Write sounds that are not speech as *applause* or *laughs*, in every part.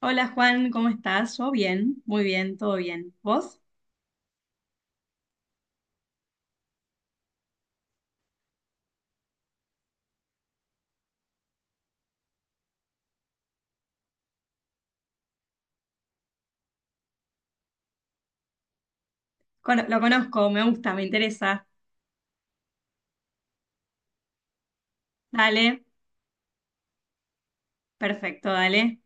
Hola Juan, ¿cómo estás? Yo bien, muy bien, todo bien. ¿Vos? Cono- lo conozco, me gusta, me interesa. Dale, perfecto, dale.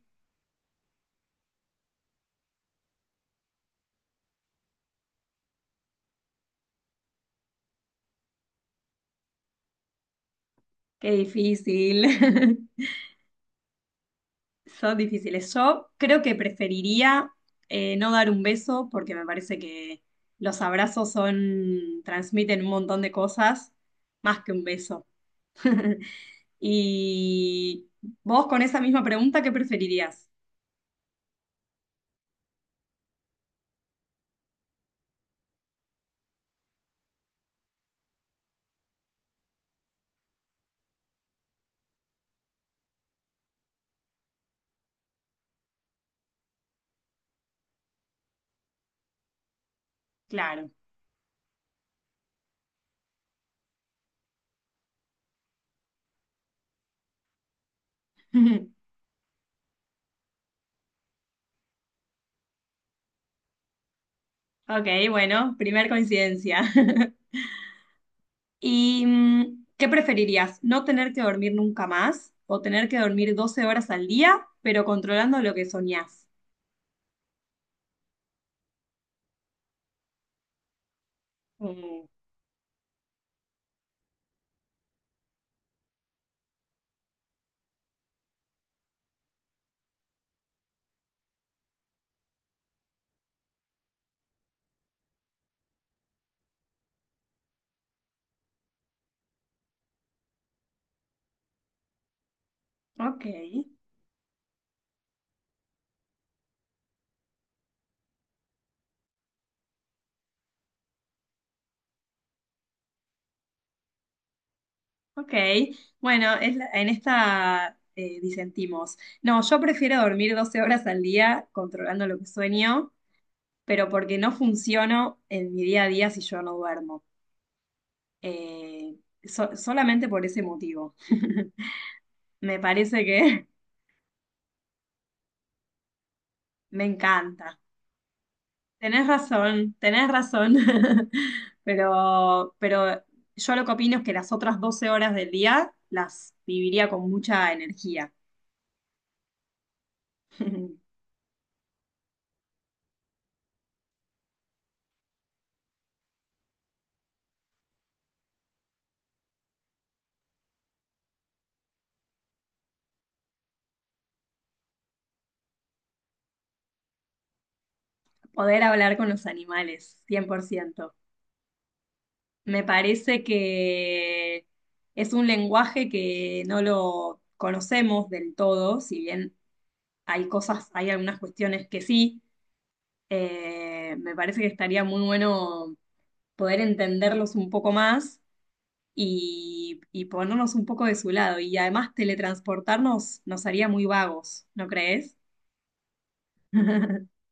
Qué difícil. *laughs* Son difíciles. Yo creo que preferiría no dar un beso porque me parece que los abrazos son, transmiten un montón de cosas más que un beso. *laughs* Y vos con esa misma pregunta, ¿qué preferirías? Claro. *laughs* Ok, bueno, primer coincidencia. *laughs* ¿Y qué preferirías? ¿No tener que dormir nunca más o tener que dormir 12 horas al día, pero controlando lo que soñás? Mm, ok, ok. Bueno, en esta disentimos. No, yo prefiero dormir 12 horas al día controlando lo que sueño, pero porque no funciono en mi día a día si yo no duermo. Eh, solamente por ese motivo. *laughs* Me parece que *laughs* me encanta. Tenés razón, tenés razón. *laughs* Pero yo lo que opino es que las otras 12 horas del día las viviría con mucha energía. *laughs* Poder hablar con los animales, 100%. Me parece que es un lenguaje que no lo conocemos del todo, si bien hay cosas, hay algunas cuestiones que sí. Me parece que estaría muy bueno poder entenderlos un poco más y ponernos un poco de su lado. Y además teletransportarnos nos haría muy vagos, ¿no crees? *laughs*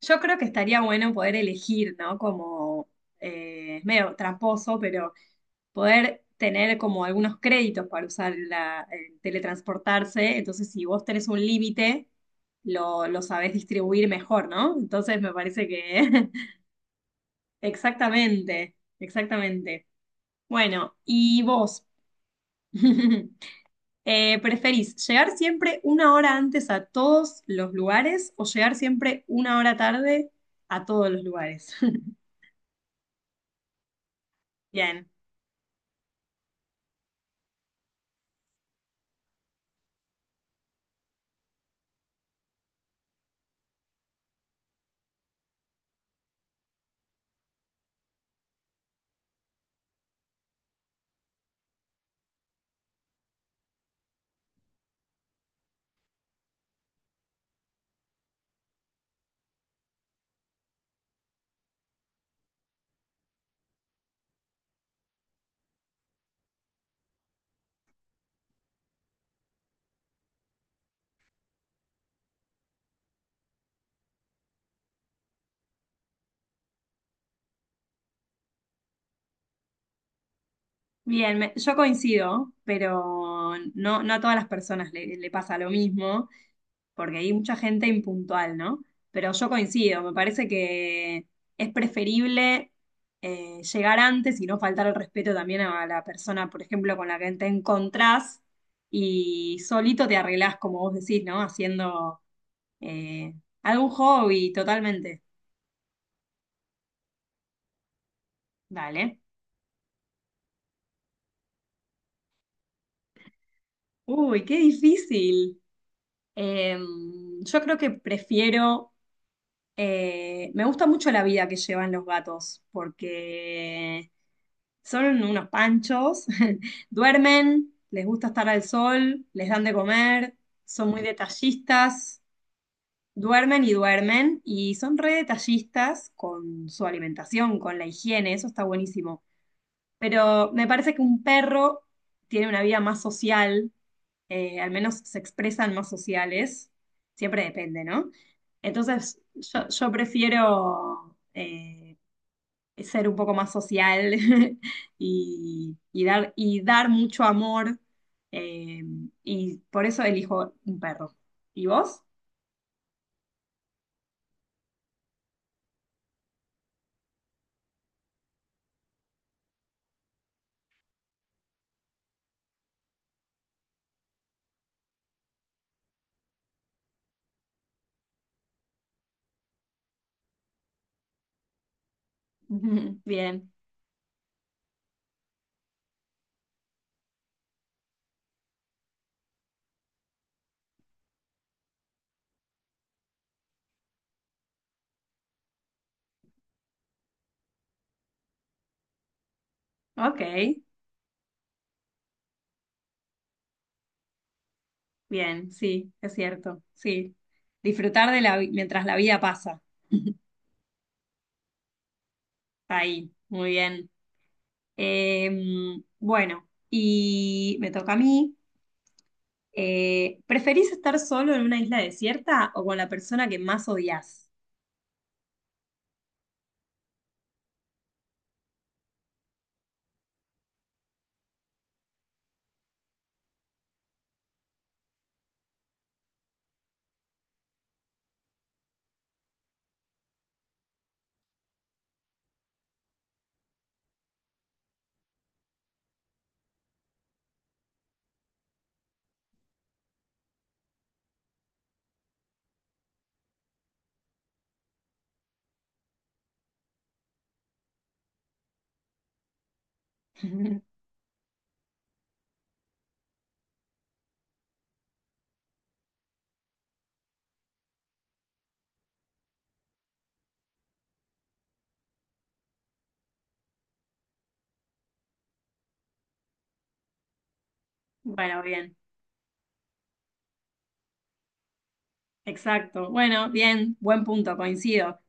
Yo creo que estaría bueno poder elegir, ¿no? Como es medio tramposo, pero poder tener como algunos créditos para usar el teletransportarse. Entonces, si vos tenés un límite, lo sabés distribuir mejor, ¿no? Entonces, me parece que *laughs* exactamente, exactamente. Bueno, ¿y vos? *laughs* ¿Preferís llegar siempre una hora antes a todos los lugares o llegar siempre una hora tarde a todos los lugares? *laughs* Bien, bien, yo coincido, pero no, no a todas las personas le pasa lo mismo, porque hay mucha gente impuntual, ¿no? Pero yo coincido, me parece que es preferible llegar antes y no faltar el respeto también a la persona, por ejemplo, con la que te encontrás y solito te arreglás, como vos decís, ¿no? Haciendo Eh, algún hobby, totalmente. Dale. Uy, qué difícil. Eh, yo creo que prefiero, me gusta mucho la vida que llevan los gatos, porque son unos panchos, *laughs* duermen, les gusta estar al sol, les dan de comer, son muy detallistas, duermen y duermen, y son re detallistas con su alimentación, con la higiene, eso está buenísimo. Pero me parece que un perro tiene una vida más social, al menos se expresan más sociales, siempre depende, ¿no? Entonces, yo prefiero ser un poco más social *laughs* y dar mucho amor, eh, y por eso elijo un perro. ¿Y vos? *laughs* Ujú, bien, ok, bien, sí, es cierto, sí. Disfrutar de mientras la vida pasa. Ahí, muy bien. Bueno, y me toca a mí. ¿Preferís estar solo en una isla desierta o con la persona que más odias? *laughs* Bueno, bien, exacto. Bueno, bien, buen punto, coincido.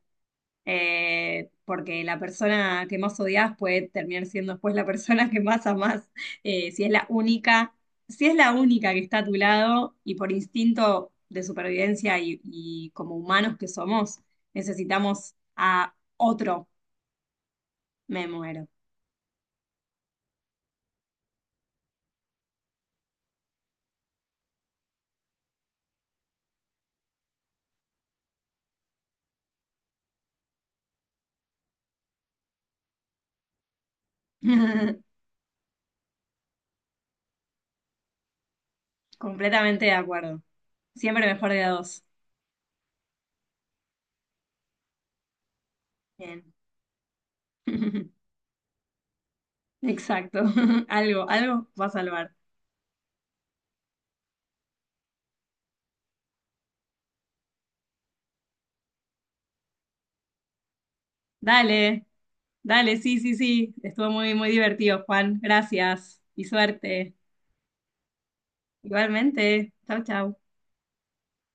Porque la persona que más odias puede terminar siendo después la persona que más amás. Eh, si es la única, si es la única que está a tu lado y por instinto de supervivencia y como humanos que somos, necesitamos a otro. Me muero. *laughs* Completamente de acuerdo. Siempre mejor de a dos. Bien. *laughs* Exacto. *laughs* Algo, algo va a salvar. Dale, dale, sí, sí, sí. Estuvo muy, muy divertido, Juan. Gracias y suerte. Igualmente. Chau, chau.